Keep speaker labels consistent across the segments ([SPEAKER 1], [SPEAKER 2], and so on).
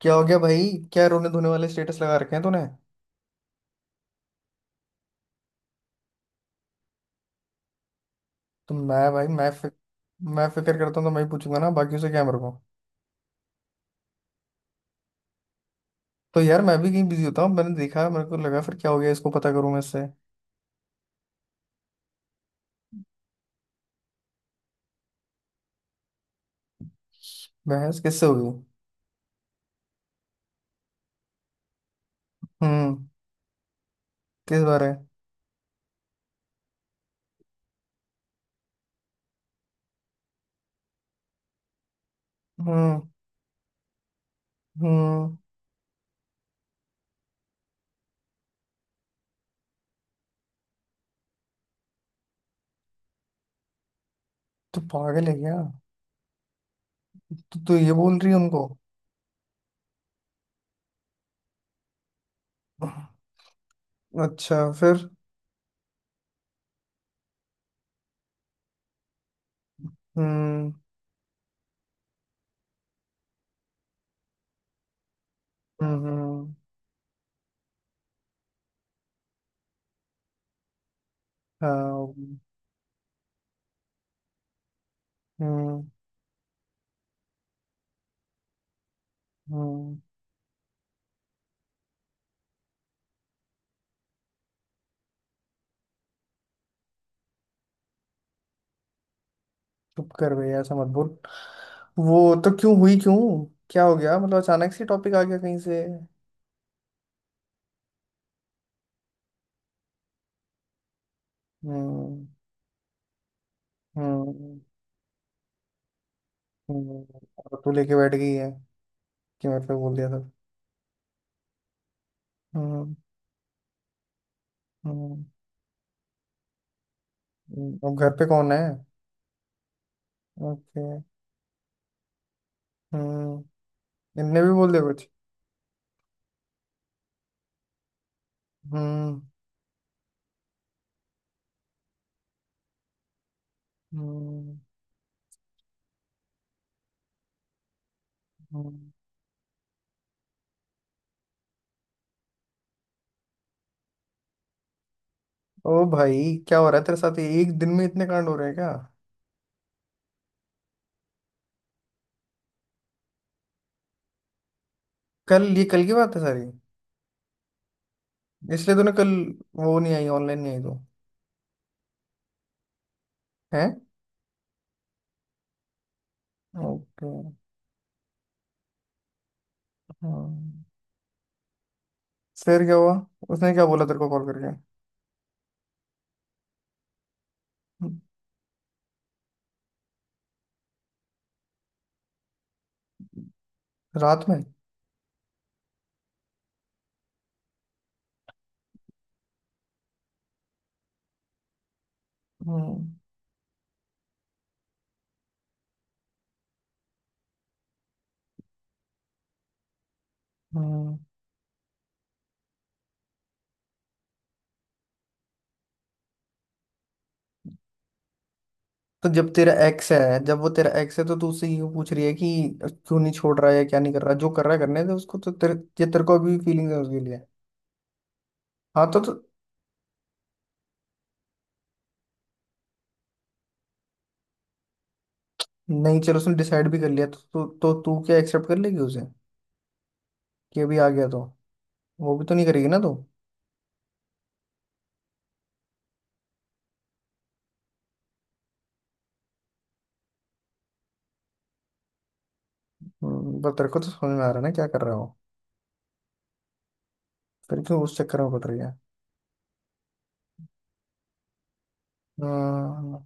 [SPEAKER 1] क्या हो गया भाई? क्या रोने धोने वाले स्टेटस लगा रखे हैं तूने। तो मैं फिक्र करता हूँ तो मैं ही पूछूंगा ना, बाकियों से क्या मेरे को। तो यार मैं भी कहीं बिजी होता हूँ, मैंने देखा, मेरे को लगा फिर क्या हो गया, इसको पता करूँ मैं इससे। बहस किससे होगी? हम्म, किस बारे? हम्म। हम्म। तू पागल है क्या? तू तू ये बोल रही है उनको? अच्छा, फिर? हम्म। हम्म। हम्म। हाँ। हम्म। हम्म। चुप कर भैया, ऐसा मत बोल। वो तो क्यों हुई, क्यों? क्या हो गया, मतलब अचानक से टॉपिक आ गया कहीं से? हम्म। हम्म। हम्म, और तू लेके बैठ गई है कि मेरे पे बोल दिया था। हम्म। हम्म। अब घर पे कौन है? ओके। हम्म। इनने भी बोल दिया कुछ? हम्म। हम्म। हम्म। ओ भाई, क्या हो रहा है तेरे साथ? ये एक दिन में इतने कांड हो रहे हैं क्या? कल, ये कल की बात है सारी? इसलिए तूने कल वो नहीं आई, ऑनलाइन नहीं आई, तो? है? ओके। हम्म। फिर क्या हुआ? उसने क्या बोला तेरे को कॉल करके? हम्म, रात में? हम्म। हम्म। तो जब तेरा एक्स है, जब वो तेरा एक्स है तो तू उससे ये पूछ रही है कि क्यों नहीं छोड़ रहा है या क्या नहीं कर रहा है? जो कर रहा है करने दे उसको, तो तेरे, ये तेरे को अभी भी फीलिंग है उसके लिए? हाँ तो नहीं, चलो उसने डिसाइड भी कर लिया तो तू क्या एक्सेप्ट कर लेगी उसे? कि अभी आ गया तो? वो भी तो नहीं करेगी ना तू। पर तेरे को तो समझ में आ रहा है ना क्या कर रहा हो? फिर क्यों उस चक्कर में पड़ रही है? हम्म,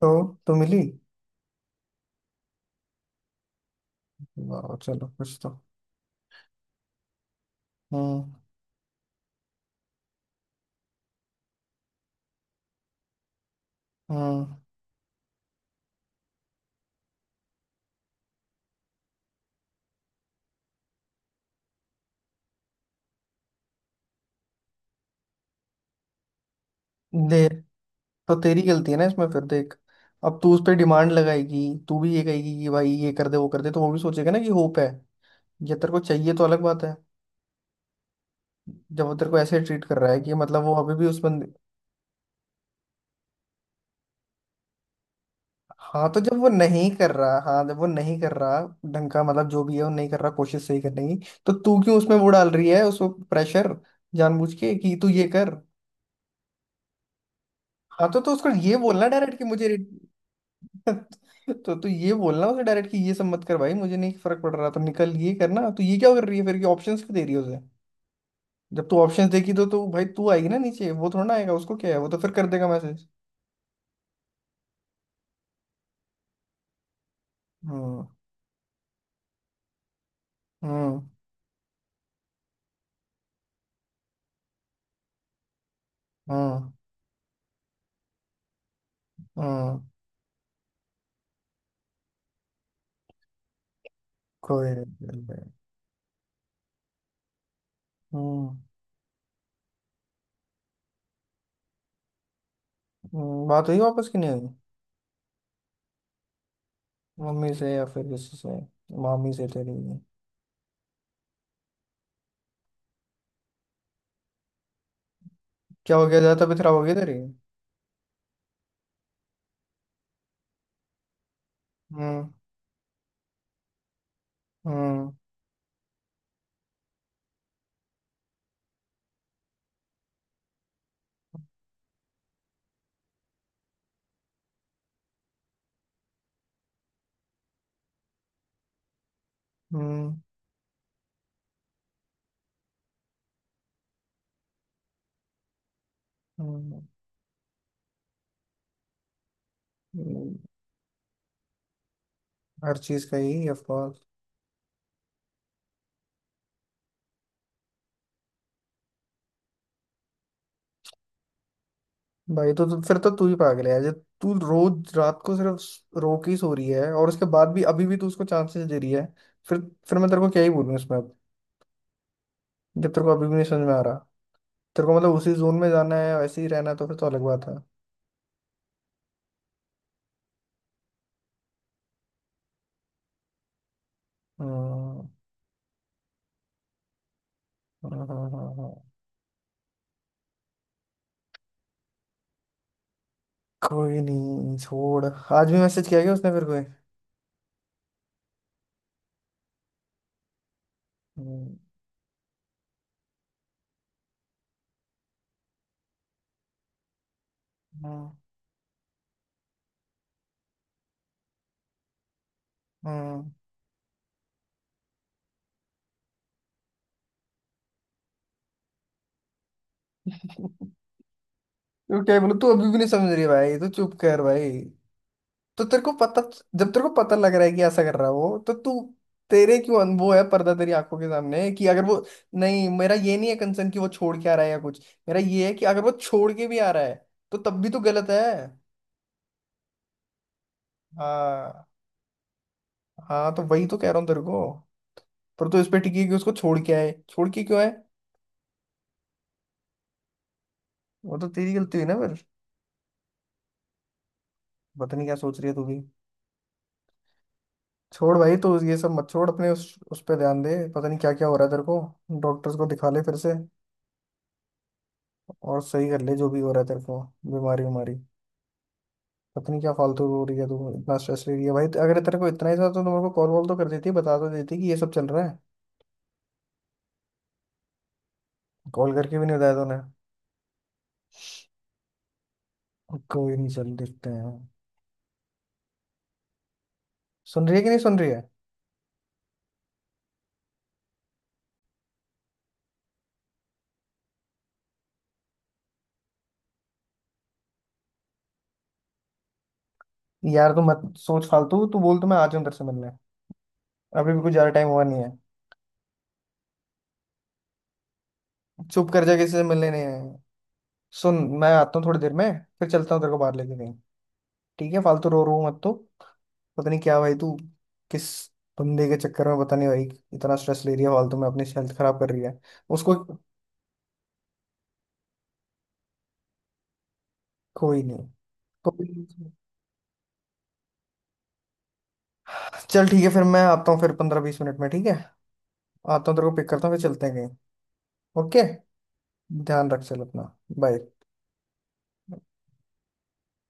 [SPEAKER 1] तो मिली? वाह, चलो कुछ तो। हम्म। हम्म। दे। तो तेरी गलती है ना इसमें फिर, देख। अब तू उस पर डिमांड लगाएगी, तू भी ये कहेगी कि भाई ये कर दे वो कर दे, तो वो भी सोचेगा ना कि होप है। ये तेरे को चाहिए तो अलग बात है। जब वो तेरे को ऐसे ट्रीट कर रहा है कि मतलब वो अभी भी उस बंदे। हाँ तो जब वो नहीं कर रहा, हाँ जब वो नहीं कर रहा। ढंग का मतलब, जो भी है वो नहीं कर रहा कोशिश सही करने की। तो तू क्यों उसमें वो डाल रही है, उसको प्रेशर, जानबूझ के कि तू ये कर। हाँ तो उसको ये बोलना डायरेक्ट कि मुझे। तो तू ये बोलना उसे डायरेक्ट कि ये सब मत कर भाई, मुझे नहीं फर्क पड़ रहा, तो निकल। ये करना, तो ये क्या कर रही है फिर? ये ऑप्शंस क्यों दे रही है उसे? जब तू ऑप्शंस देगी तो भाई, तू आएगी ना नीचे, वो थोड़ा ना आएगा। उसको क्या है, वो तो फिर कर देगा मैसेज। हम्म। हम्म। हम्म। हम्म, कोई नहीं, कोई नहीं। हम्म। बात हुई वापस की नहीं हुई? मम्मी से या फिर किसी से? मामी से तेरी? क्या हो गया, ज्यादा तबीयत खराब हो गई तेरी? हम्म। हम्म। हम्म। हम्म, हम्म, हर चीज का ही ऑफ। भाई तो फिर तो तू ही पागल है यार। जब तू रोज रात को सिर्फ रो के ही सो रही है और उसके बाद भी अभी भी तू उसको चांसेस दे रही है, फिर फिर मैं तेरे को क्या ही बोलूँ इसमें अब। जब तेरे को अभी भी नहीं समझ में आ रहा, तेरे को मतलब उसी जोन में जाना है, वैसे ही रहना है, तो फिर तो अलग बात है। हम्म, हम्म, हम्म, हम्म, हम्म। कोई नहीं, छोड़। आज भी मैसेज किया क्या उसने फिर कोई? हम्म। हम्म। हम्म। तू क्या बोलू, तू अभी भी नहीं समझ रही भाई, तू चुप कर भाई। तो तेरे को पता, जब तेरे को पता लग रहा है कि ऐसा कर रहा है वो, तो तू, तेरे क्यों वो है पर्दा तेरी आंखों के सामने है कि अगर वो। नहीं, मेरा ये नहीं है कंसर्न कि वो छोड़ के आ रहा है या कुछ, मेरा ये है कि अगर वो छोड़ के भी आ रहा है तो तब भी तो गलत है। हाँ। हाँ तो वही तो कह रहा हूँ तेरे को, पर तू इस पे टिकी कि उसको छोड़ के आए, छोड़ के क्यों आए? वो तो तेरी गलती हुई ना फिर। पता नहीं क्या सोच रही है तू भी। छोड़ भाई, तो ये सब मत, छोड़ अपने उस पे ध्यान दे। पता नहीं क्या क्या हो रहा है तेरे को, डॉक्टर्स को दिखा ले फिर से और सही कर ले जो भी हो रहा है तेरे को, बीमारी उमारी। पता नहीं क्या फालतू हो रही है तू, इतना स्ट्रेस ले रही है भाई। अगर तेरे को इतना ही था तो मेरे को कॉल वॉल तो कर देती, बता तो देती कि ये सब चल रहा है। कॉल करके भी नहीं बताया तूने। कोई नहीं, चल देखते हैं। सुन रही है कि नहीं सुन रही है? यार तू मत सोच फालतू, तू बोल तो मैं आ जाऊं तेरे से मिलने। अभी भी कुछ ज्यादा टाइम हुआ नहीं है। चुप कर जा, किसी से मिलने नहीं है। सुन, मैं आता हूँ थोड़ी देर में, फिर चलता हूँ तेरे को बाहर लेके कहीं। ठीक है, फालतू रो रो मत तू। पता नहीं क्या भाई तू, किस बंदे के चक्कर में, पता नहीं भाई, इतना स्ट्रेस ले रही है फालतू में, अपनी हेल्थ खराब कर रही है उसको। कोई नहीं, कोई नहीं। चल ठीक है, फिर मैं आता हूँ फिर 15-20 मिनट में, ठीक है? आता हूँ तेरे को पिक करता हूँ, फिर चलते हैं कहीं। ओके। ध्यान रख, चल अपना। बाय।